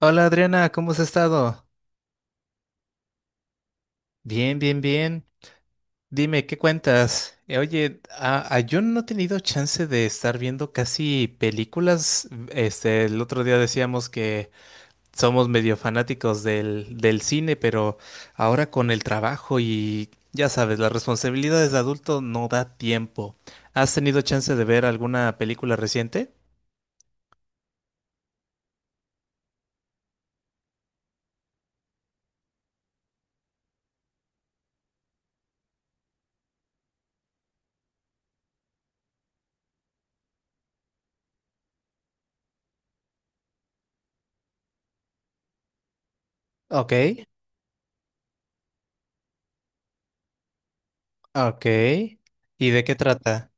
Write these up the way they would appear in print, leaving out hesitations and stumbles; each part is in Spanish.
Hola Adriana, ¿cómo has estado? Bien, bien, bien. Dime, ¿qué cuentas? Oye, yo no he tenido chance de estar viendo casi películas. Este, el otro día decíamos que somos medio fanáticos del cine, pero ahora con el trabajo y ya sabes, las responsabilidades de adulto no da tiempo. ¿Has tenido chance de ver alguna película reciente? Ok, ok. ¿Y de qué trata?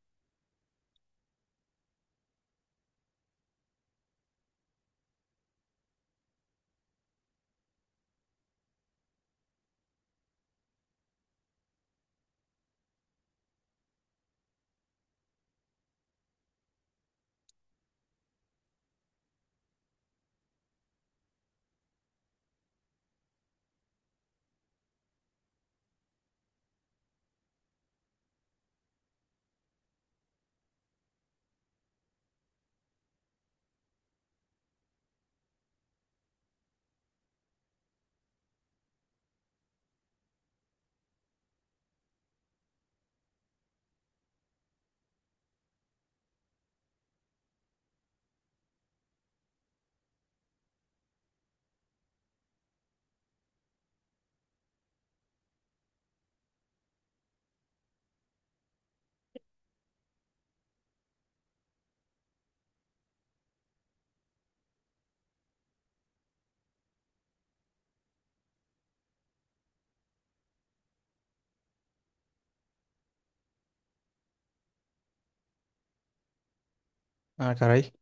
Ah, caray.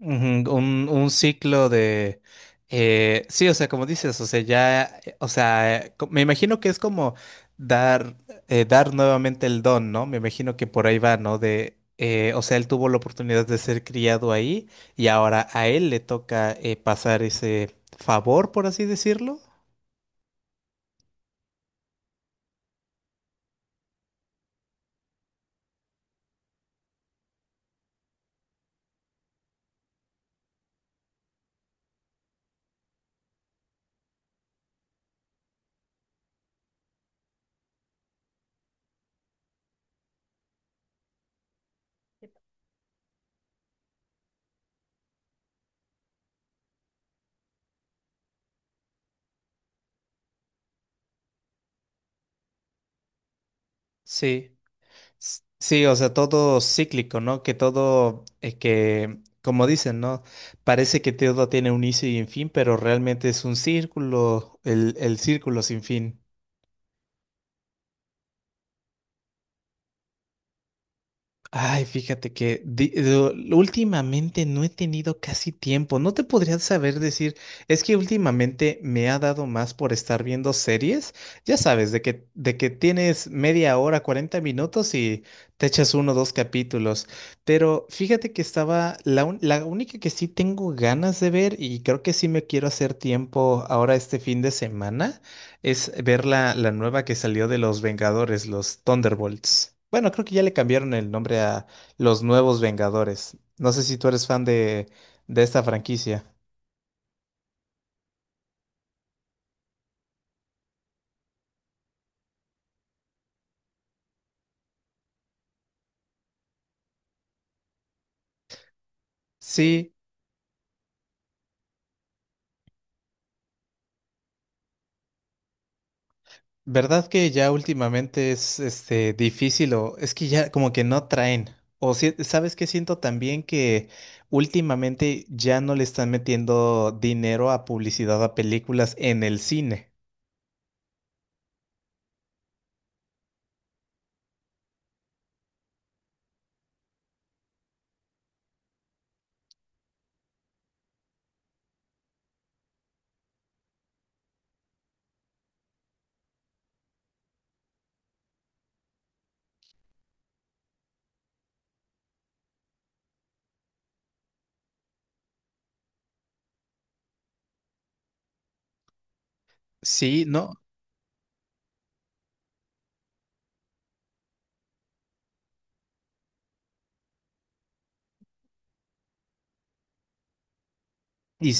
Ujú. Un ciclo de… sí, o sea, como dices, o sea, ya, o sea, me imagino que es como dar, dar nuevamente el don, ¿no? Me imagino que por ahí va, ¿no? De, o sea, él tuvo la oportunidad de ser criado ahí y ahora a él le toca pasar ese favor, por así decirlo. Sí. Sí, o sea, todo cíclico, ¿no? Que todo, que, como dicen, ¿no? Parece que todo tiene un inicio y un fin, pero realmente es un círculo, el círculo sin fin. Ay, fíjate que últimamente no he tenido casi tiempo. No te podría saber decir, es que últimamente me ha dado más por estar viendo series. Ya sabes, de que tienes media hora, 40 minutos y te echas uno o dos capítulos. Pero fíjate que estaba, la única que sí tengo ganas de ver y creo que sí me quiero hacer tiempo ahora este fin de semana es ver la nueva que salió de los Vengadores, los Thunderbolts. Bueno, creo que ya le cambiaron el nombre a los nuevos Vengadores. No sé si tú eres fan de esta franquicia. Sí, verdad que ya últimamente es este difícil o es que ya como que no traen. O sabes que siento también que últimamente ya no le están metiendo dinero a publicidad a películas en el cine. Sí, no. Y,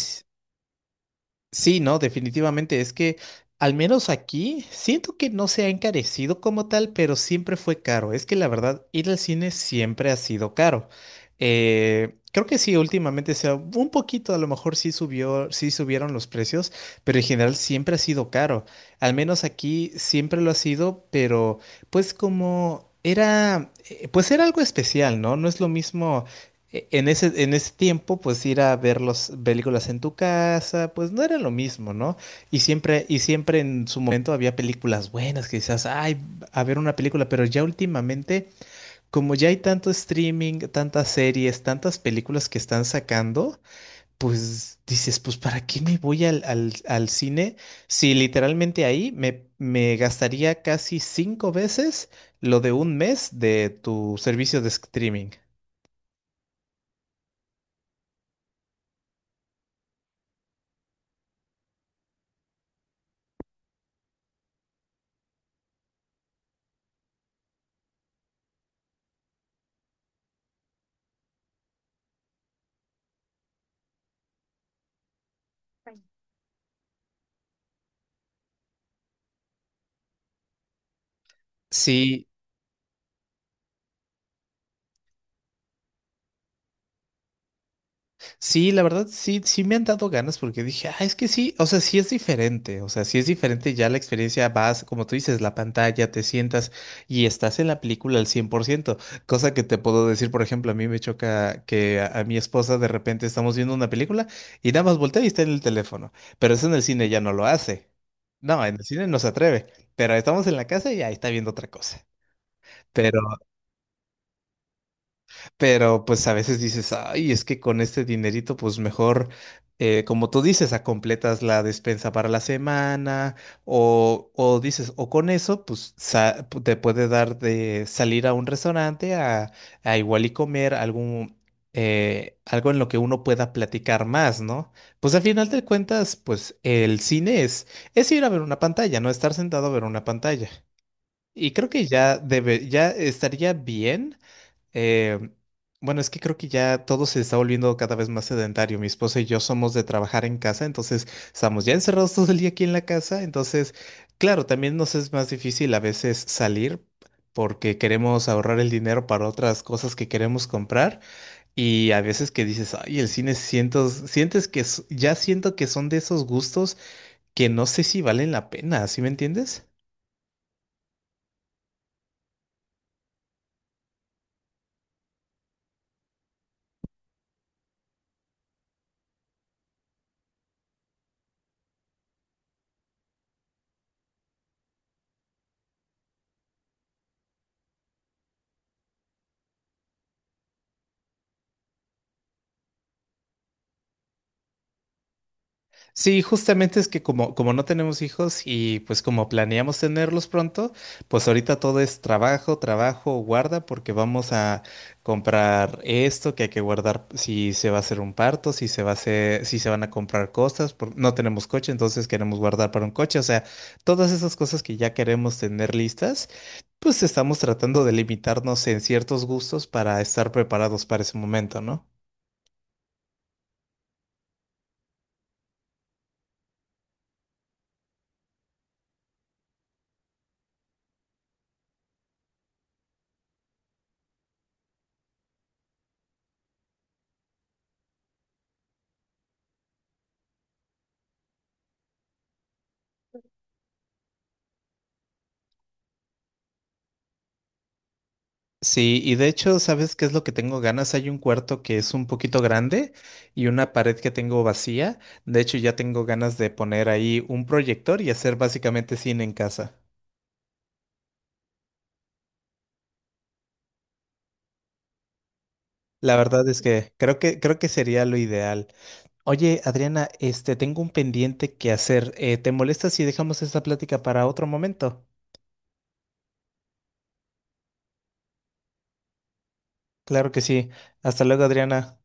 Sí, no, definitivamente. Es que al menos aquí siento que no se ha encarecido como tal, pero siempre fue caro. Es que la verdad, ir al cine siempre ha sido caro. Creo que sí, últimamente sea un poquito, a lo mejor sí subió, sí subieron los precios, pero en general siempre ha sido caro. Al menos aquí siempre lo ha sido, pero pues como era, pues era algo especial, ¿no? No es lo mismo en ese, en ese tiempo, pues ir a ver las películas en tu casa, pues no era lo mismo, ¿no? Y siempre en su momento había películas buenas que decías, ay, a ver una película, pero ya últimamente, como ya hay tanto streaming, tantas series, tantas películas que están sacando, pues dices, pues ¿para qué me voy al cine si literalmente ahí me gastaría casi 5 veces lo de un mes de tu servicio de streaming? Sí, sí, la verdad, sí, sí me han dado ganas porque dije, ah, es que sí, o sea, sí es diferente, o sea, sí es diferente, ya la experiencia vas, como tú dices, la pantalla, te sientas y estás en la película al 100%, cosa que te puedo decir, por ejemplo, a mí me choca que a mi esposa de repente estamos viendo una película y nada más voltea y está en el teléfono, pero eso en el cine ya no lo hace, no, en el cine no se atreve, pero estamos en la casa y ahí está viendo otra cosa. Pero pero pues a veces dices, ay, es que con este dinerito, pues mejor, como tú dices, a completas la despensa para la semana, o dices, o con eso, pues te puede dar de salir a un restaurante a igual y comer algún, algo en lo que uno pueda platicar más, ¿no? Pues al final de cuentas, pues el cine es ir a ver una pantalla, no estar sentado a ver una pantalla. Y creo que ya debe, ya estaría bien eh, bueno, es que creo que ya todo se está volviendo cada vez más sedentario. Mi esposa y yo somos de trabajar en casa, entonces estamos ya encerrados todo el día aquí en la casa. Entonces, claro, también nos es más difícil a veces salir porque queremos ahorrar el dinero para otras cosas que queremos comprar. Y a veces que dices, ay, el cine siento, sientes que ya siento que son de esos gustos que no sé si valen la pena, ¿sí me entiendes? Sí, justamente es que como no tenemos hijos y pues como planeamos tenerlos pronto, pues ahorita todo es trabajo, trabajo, guarda, porque vamos a comprar esto que hay que guardar si se va a hacer un parto, si se va a hacer, si se van a comprar cosas, no tenemos coche, entonces queremos guardar para un coche, o sea, todas esas cosas que ya queremos tener listas, pues estamos tratando de limitarnos en ciertos gustos para estar preparados para ese momento, ¿no? Sí, y de hecho, ¿sabes qué es lo que tengo ganas? Hay un cuarto que es un poquito grande y una pared que tengo vacía. De hecho, ya tengo ganas de poner ahí un proyector y hacer básicamente cine en casa. La verdad es que creo que sería lo ideal. Oye, Adriana, este, tengo un pendiente que hacer. ¿Te molesta si dejamos esta plática para otro momento? Claro que sí. Hasta luego, Adriana.